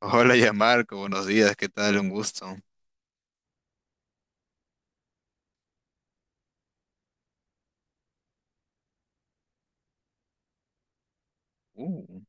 Hola, Marco, buenos días, ¿qué tal? Un gusto. Uh,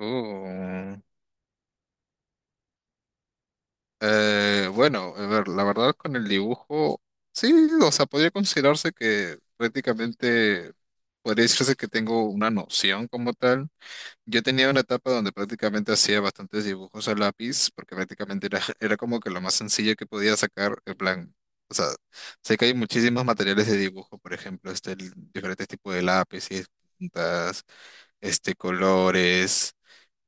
uh. Bueno, a ver, la verdad con el dibujo, sí, o sea, podría considerarse que prácticamente, podría decirse que tengo una noción como tal. Yo tenía una etapa donde prácticamente hacía bastantes dibujos a lápiz, porque prácticamente era, era como que lo más sencillo que podía sacar, en plan, o sea, sé que hay muchísimos materiales de dibujo, por ejemplo, diferentes tipos de lápices, puntas. Colores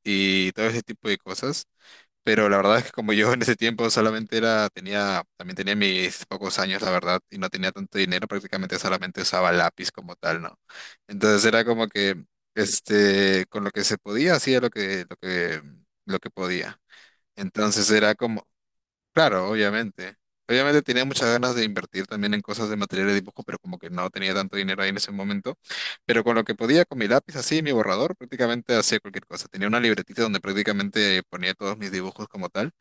y todo ese tipo de cosas. Pero la verdad es que como yo en ese tiempo solamente era, tenía, también tenía mis pocos años, la verdad, y no tenía tanto dinero, prácticamente solamente usaba lápiz como tal, ¿no? Entonces era como que, con lo que se podía, hacía lo que podía. Entonces era como, claro, obviamente. Obviamente tenía muchas ganas de invertir también en cosas de material de dibujo, pero como que no tenía tanto dinero ahí en ese momento. Pero con lo que podía, con mi lápiz así, mi borrador, prácticamente hacía cualquier cosa. Tenía una libretita donde prácticamente ponía todos mis dibujos como tal,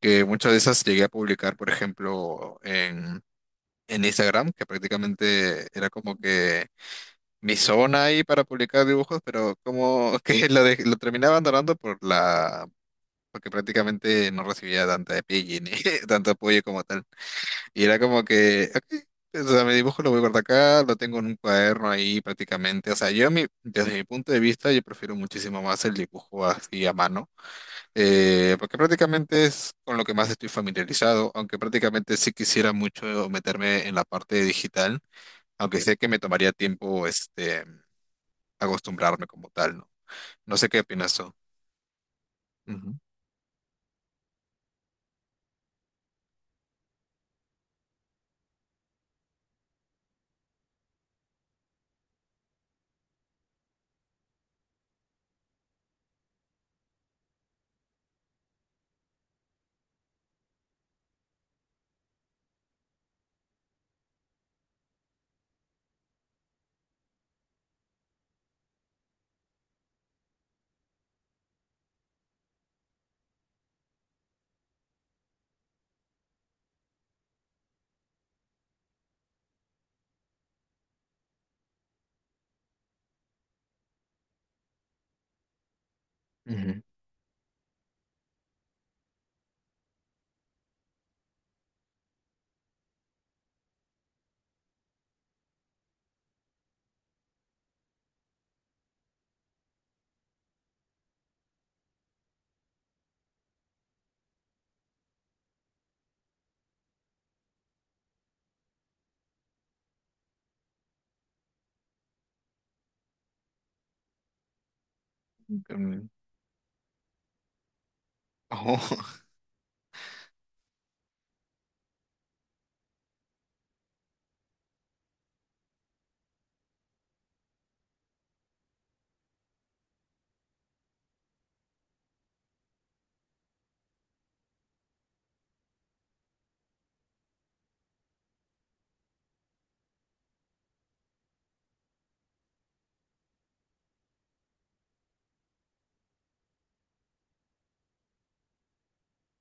que muchas de esas llegué a publicar, por ejemplo, en Instagram, que prácticamente era como que mi zona ahí para publicar dibujos, pero como que lo terminaba abandonando por la... porque prácticamente no recibía tanta apoyo, ni tanto apoyo como tal. Y era como que, ok, o sea, mi dibujo lo voy a guardar acá, lo tengo en un cuaderno ahí prácticamente. O sea, desde mi punto de vista, yo prefiero muchísimo más el dibujo así a mano, porque prácticamente es con lo que más estoy familiarizado, aunque prácticamente sí quisiera mucho meterme en la parte digital, aunque sé que me tomaría tiempo acostumbrarme como tal, ¿no? No sé qué opinas tú. Ujú. Ujú. Mm. Oh,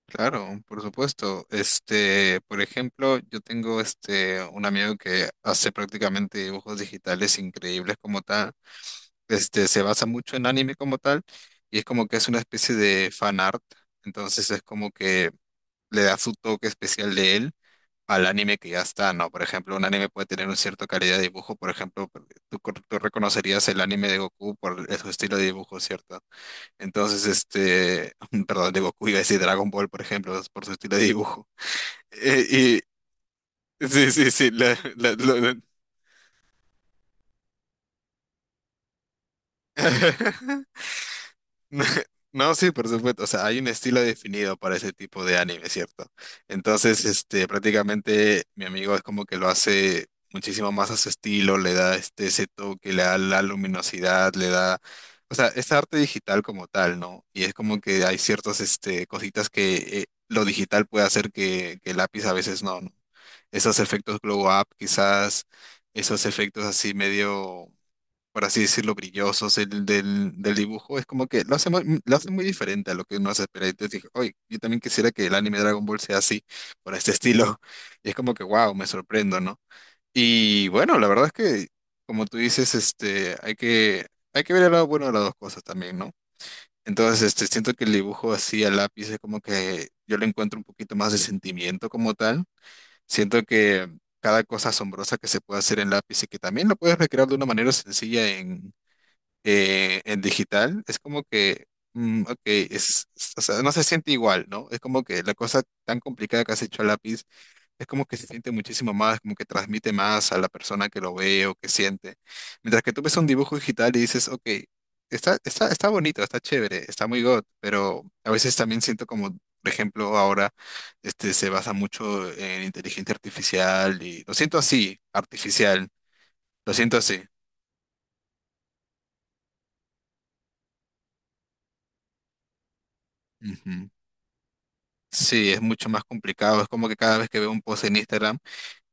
claro, por supuesto. Por ejemplo, yo tengo un amigo que hace prácticamente dibujos digitales increíbles como tal. Se basa mucho en anime como tal y es como que es una especie de fan art. Entonces es como que le da su toque especial de él al anime que ya está, ¿no? Por ejemplo, un anime puede tener una cierta calidad de dibujo. Por ejemplo, tú, tú reconocerías el anime de Goku por su estilo de dibujo, ¿cierto? Entonces, perdón, de Goku iba a decir Dragon Ball, por ejemplo, por su estilo de dibujo. Eh, y sí, sí, sí, no, sí, por supuesto. O sea, hay un estilo definido para ese tipo de anime, ¿cierto? Entonces, prácticamente mi amigo es como que lo hace muchísimo más a su estilo, le da ese toque, le da la luminosidad, o sea, es arte digital como tal, ¿no? Y es como que hay ciertas, cositas que lo digital puede hacer que el lápiz a veces no, ¿no? Esos efectos glow up, quizás, esos efectos así medio, por así decirlo, brillosos del dibujo, es como que lo hace muy diferente a lo que uno hace. Pero entonces dije, oye, yo también quisiera que el anime Dragon Ball sea así, por este estilo. Y es como que, wow, me sorprendo, ¿no? Y bueno, la verdad es que, como tú dices, hay que ver el lado bueno de las dos cosas también, ¿no? Entonces, siento que el dibujo así a lápiz es como que yo le encuentro un poquito más de sentimiento como tal. Siento que cada cosa asombrosa que se puede hacer en lápiz y que también lo puedes recrear de una manera sencilla en digital, es como que, mm, ok, o sea, no se siente igual, ¿no? Es como que la cosa tan complicada que has hecho a lápiz, es como que se siente muchísimo más, como que transmite más a la persona que lo ve o que siente. Mientras que tú ves un dibujo digital y dices, ok, está bonito, está chévere, está muy god, pero a veces también siento como, por ejemplo, ahora se basa mucho en inteligencia artificial y lo siento así, artificial, lo siento así. Sí, es mucho más complicado. Es como que cada vez que veo un post en Instagram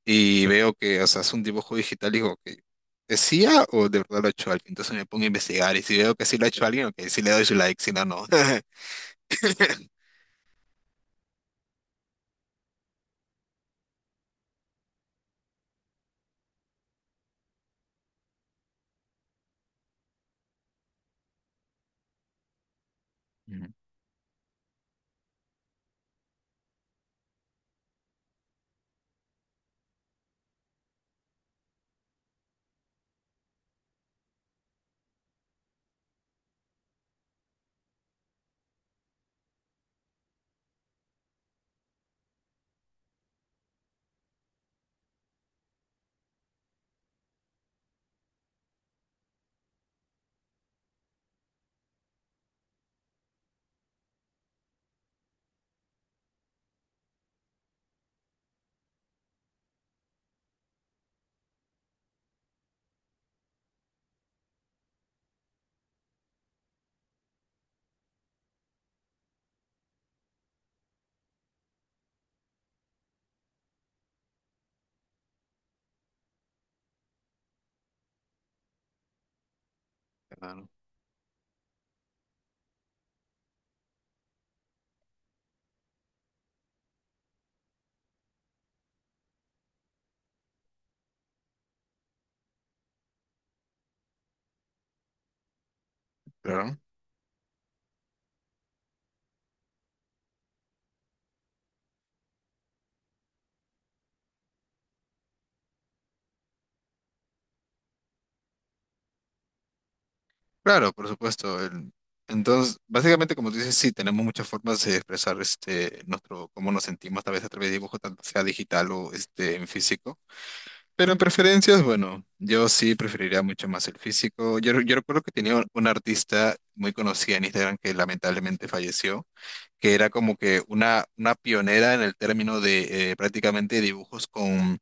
y veo que, o sea, es un dibujo digital, digo que ¿es IA o de verdad lo ha hecho alguien? Entonces me pongo a investigar y si veo que sí lo ha hecho alguien, ok, sí le doy su like, si no, no. Claro, claro, claro, por supuesto. Entonces, básicamente, como tú dices, sí, tenemos muchas formas de expresar nuestro cómo nos sentimos, tal vez a través de dibujo, tanto sea digital o en físico. Pero en preferencias, bueno, yo sí preferiría mucho más el físico. Yo recuerdo que tenía una artista muy conocida en Instagram que lamentablemente falleció, que era como que una pionera en el término de prácticamente dibujos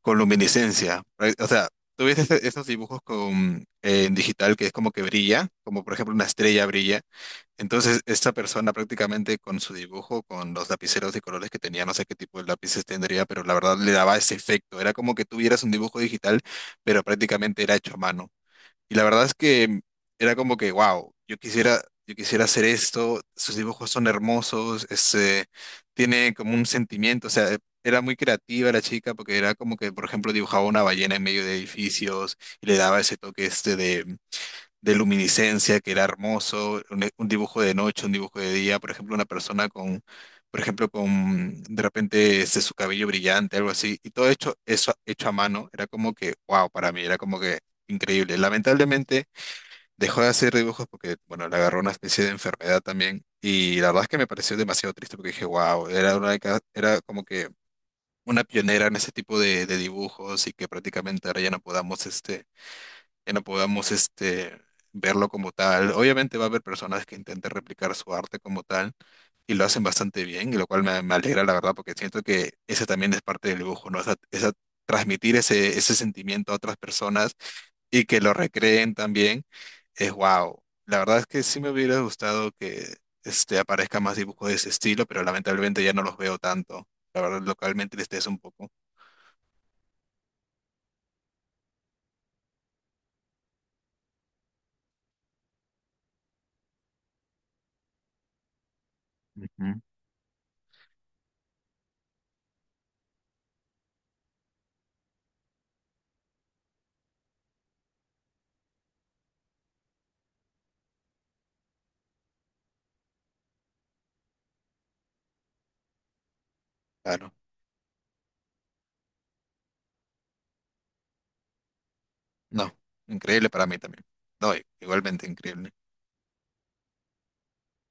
con luminiscencia. O sea, tú ves esos dibujos con, en digital que es como que brilla, como por ejemplo una estrella brilla. Entonces, esta persona prácticamente con su dibujo, con los lapiceros de colores que tenía, no sé qué tipo de lápices tendría, pero la verdad le daba ese efecto. Era como que tuvieras un dibujo digital, pero prácticamente era hecho a mano. Y la verdad es que era como que, wow, yo quisiera hacer esto, sus dibujos son hermosos, tiene como un sentimiento, o sea, era muy creativa la chica porque era como que, por ejemplo, dibujaba una ballena en medio de edificios y le daba ese toque este de luminiscencia, que era hermoso, un dibujo de noche, un dibujo de día, por ejemplo, una persona con, por ejemplo, con de repente ese su cabello brillante, algo así, y todo hecho, eso hecho a mano, era como que, wow, para mí, era como que increíble. Lamentablemente dejó de hacer dibujos porque, bueno, le agarró una especie de enfermedad también, y la verdad es que me pareció demasiado triste porque dije, wow, era como que una pionera en ese tipo de dibujos y que prácticamente ahora ya no podamos que no podamos este, verlo como tal. Obviamente va a haber personas que intenten replicar su arte como tal y lo hacen bastante bien, y lo cual me alegra la verdad porque siento que ese también es parte del dibujo, ¿no? Transmitir ese sentimiento a otras personas y que lo recreen también es wow. La verdad es que sí me hubiera gustado que aparezca más dibujos de ese estilo, pero lamentablemente ya no los veo tanto. La verdad, localmente les es un poco. Ujú. Claro, no, increíble para mí también. No, igualmente increíble.